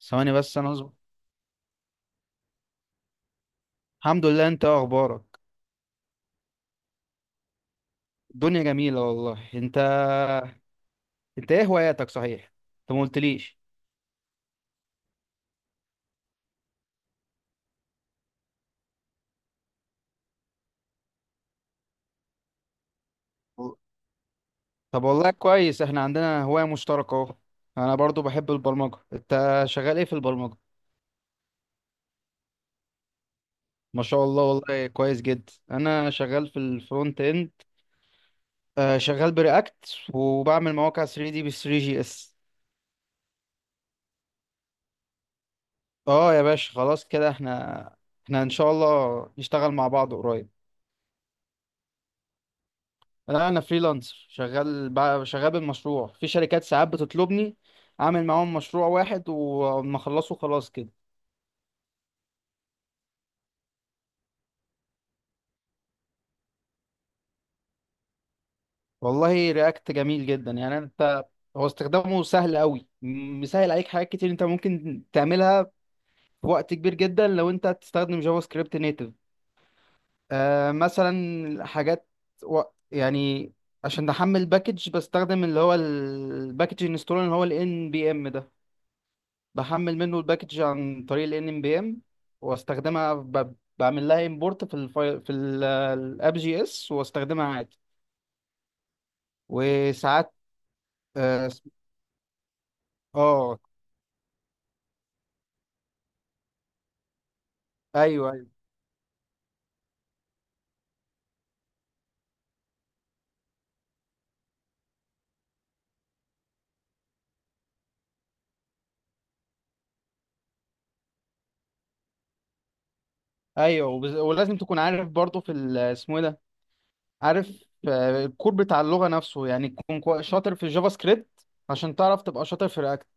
ثواني بس انا اصبر. الحمد لله، انت إيه اخبارك؟ الدنيا جميله والله. انت ايه هواياتك صحيح؟ انت ما قلتليش. و- طب والله كويس، احنا عندنا هوايه مشتركه اهو. انا برضو بحب البرمجه، انت شغال ايه في البرمجه؟ ما شاء الله، والله كويس جدا. انا شغال في الفرونت اند. آه شغال برياكت وبعمل مواقع 3 دي ب 3 جي اس. اه يا باشا خلاص كده احنا ان شاء الله نشتغل مع بعض قريب. لا انا فريلانسر، شغال بالمشروع في شركات، ساعات بتطلبني اعمل معاهم مشروع واحد وما اخلصه خلاص كده. والله رياكت جميل جدا يعني. انت هو استخدامه سهل قوي، مسهل عليك حاجات كتير انت ممكن تعملها في وقت كبير جدا لو انت تستخدم جافا سكريبت نيتف. آه مثلا حاجات و... يعني عشان احمل باكج بستخدم اللي هو الباكج انستول اللي هو ال NPM ده، بحمل منه الباكج عن طريق ال NPM، واستخدمها بعمل لها امبورت في الفايل في الاب جي اس واستخدمها عادي. وساعات اه اسم- آه، ايوه ايوه. ولازم تكون عارف برضه اسمه ايه ده، عارف آه، الكور بتاع اللغه نفسه، يعني تكون شاطر في الجافا سكريبت عشان تعرف تبقى شاطر في رياكت.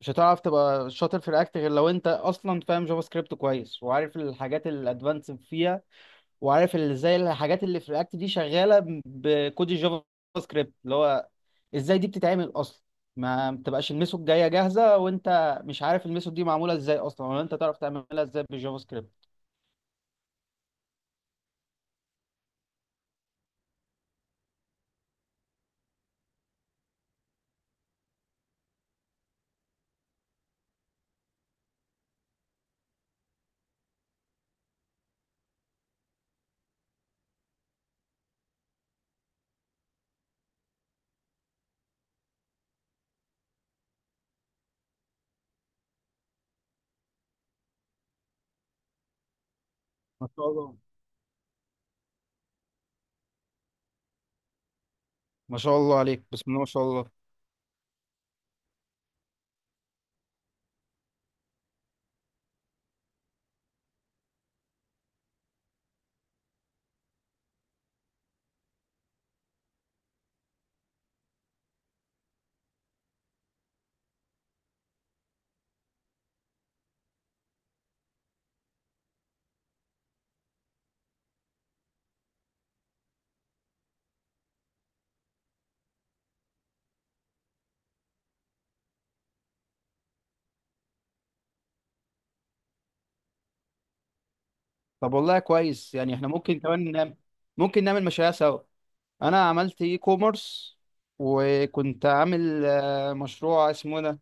مش هتعرف تبقى شاطر في رياكت غير لو انت اصلا فاهم جافا سكريبت كويس، وعارف الحاجات الادفانس فيها، وعارف اللي زي الحاجات اللي في رياكت دي شغاله بكود الجافا سكريبت اللي هو ازاي دي بتتعمل اصلا. ما بتبقاش الميثود جايه جاهزه وانت مش عارف الميثود دي معموله ازاي اصلا، ولا انت تعرف تعملها ازاي بالجافا سكريبت. ما شاء الله. ما شاء الله عليك، بسم الله ما شاء الله. طب والله كويس، يعني احنا ممكن كمان نعمل، ممكن نعمل مشاريع سوا. انا عملت اي كوميرس، وكنت عامل آه، مشروع اسمه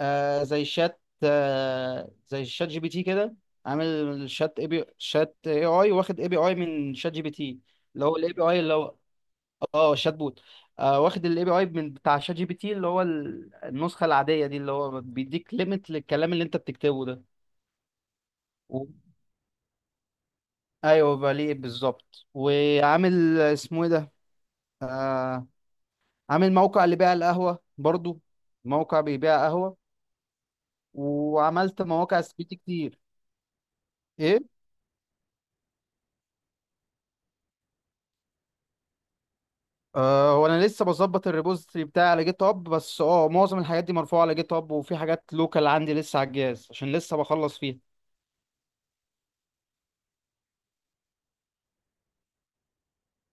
آه زي شات، آه زي شات جي بي تي كده. عامل شات اي بي، شات اي اي، واخد اي بي اي من شات جي بي تي، اللي هو الاي بي اي اللي هو اه شات بوت. آه واخد الاي بي اي من بتاع شات جي بي تي، اللي هو النسخة العادية دي، اللي هو بيديك ليميت للكلام اللي انت بتكتبه ده. و... ايوه بليه بالظبط. وعامل اسمه ايه ده، آه، عامل موقع لبيع القهوة برضو، موقع بيبيع قهوة. وعملت مواقع سبيتي كتير. ايه آه، هو انا لسه بظبط الريبوزيتوري بتاعي على جيت هاب، بس اه معظم الحاجات دي مرفوعه على جيت هاب، وفي حاجات لوكال عندي لسه على الجهاز عشان لسه بخلص فيها.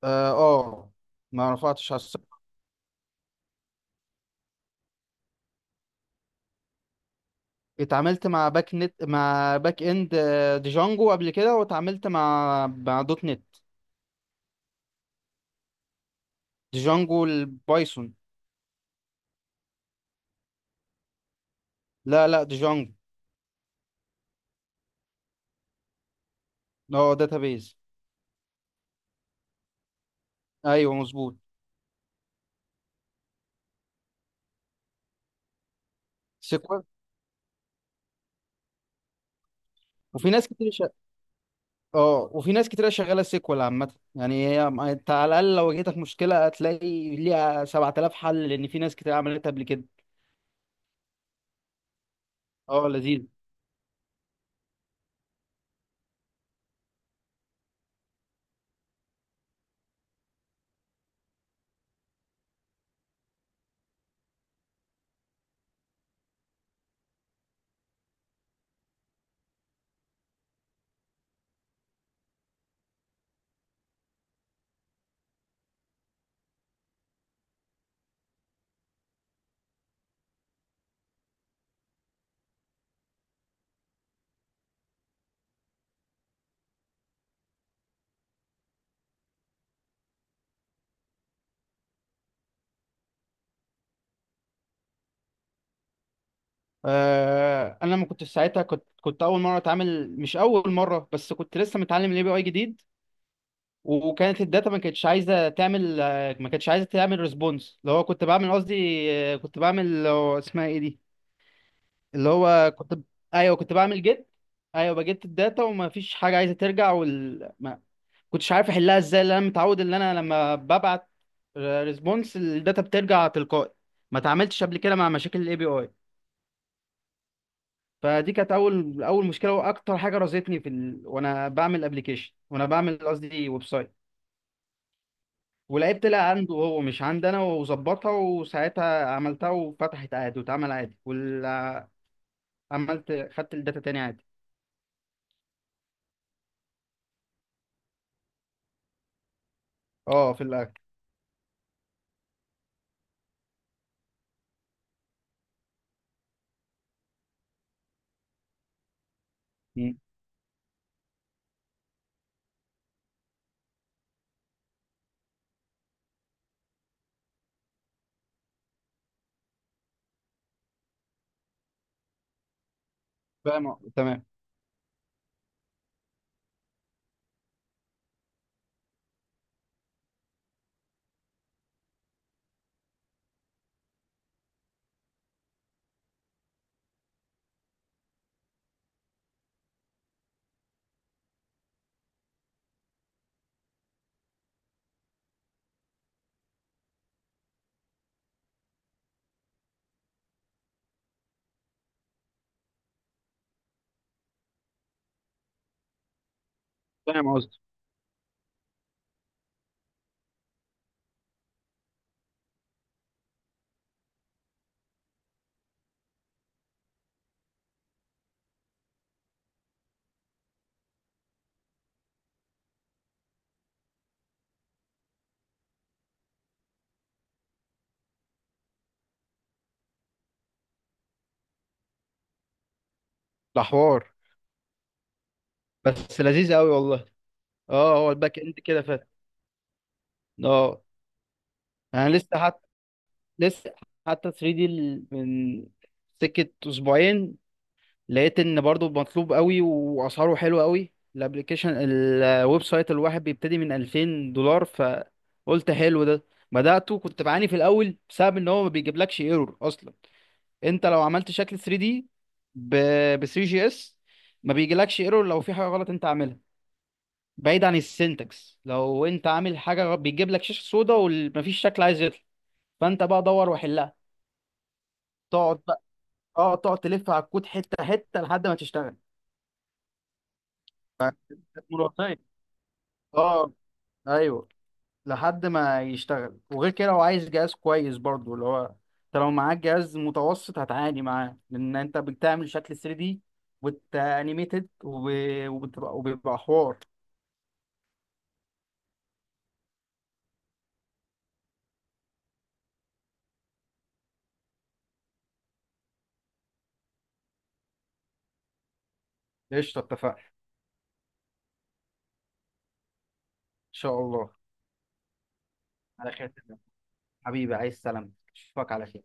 اه آه، ما رفعتش على السيرفر. اتعاملت مع باك نت، مع باك اند آه، ديجانجو قبل كده، واتعاملت مع دوت نت. ديجانجو البايثون. لا لا، ديجانجو. اه داتابيز. ايوه مظبوط. سيكوال. وفي ناس كتير. اه، وفي ناس كتير شغاله سيكوال عامه، يعني هي انت على الاقل لو جيتك مشكله هتلاقي ليها 7000 حل، لان في ناس كتير عملتها قبل كده. اه لذيذ. آه انا لما كنت في ساعتها كنت اول مره اتعامل، مش اول مره بس كنت لسه متعلم الاي بي اي جديد. وكانت الداتا ما كانتش عايزه تعمل آه، ما كانتش عايزه تعمل ريسبونس، اللي هو كنت بعمل قصدي آه، كنت بعمل آه، اسمها ايه دي، اللي هو كنت، ايوه كنت بعمل جيت. ايوه بجيت الداتا وما فيش حاجه عايزه ترجع كنتش عارف احلها ازاي، لان انا متعود ان انا لما ببعت ريسبونس الداتا بترجع تلقائي. ما اتعاملتش قبل كده مع مشاكل الاي بي اي. فدي كانت اول مشكله واكتر حاجه رازتني وانا بعمل ابلكيشن وانا بعمل قصدي ويب سايت. ولعبت، طلع عنده هو مش عندي انا، وظبطها وساعتها عملتها وفتحت عادي واتعمل عادي عملت خدت الداتا تاني عادي. اه في الاخر. مم. فاهم تمام. فاهم قصدي. ده حوار بس لذيذ قوي والله. اه هو الباك اند كده فات. اه انا لسه حتى، لسه 3 دي من سكة اسبوعين لقيت ان برضو مطلوب قوي واسعاره حلوه قوي، الابلكيشن الويب سايت الواحد بيبتدي من $2000. فقلت حلو ده، بدأته كنت بعاني في الاول بسبب ان هو ما بيجيبلكش ايرور اصلا. انت لو عملت شكل 3 دي ب 3 جي اس ما بيجيلكش ايرور لو في حاجه غلط انت عاملها. بعيد عن السنتكس، لو انت عامل حاجه بيجيب لك شاشه سودا ومفيش شكل عايز يطلع. فانت بقى دور وحلها. تقعد بقى، اه تقعد تلف على الكود حته حته لحد ما تشتغل. مرتين، اه ايوه، لحد ما يشتغل. وغير كده لو عايز جهاز كويس برضو، اللي هو انت لو معاك جهاز متوسط هتعاني معاه، لان انت بتعمل شكل 3 دي وانيميتد وبتبقى وبيبقى حوار. قشطه اتفقنا ان شاء الله. على خير يا حبيبي، عايز سلامتك اشوفك على خير.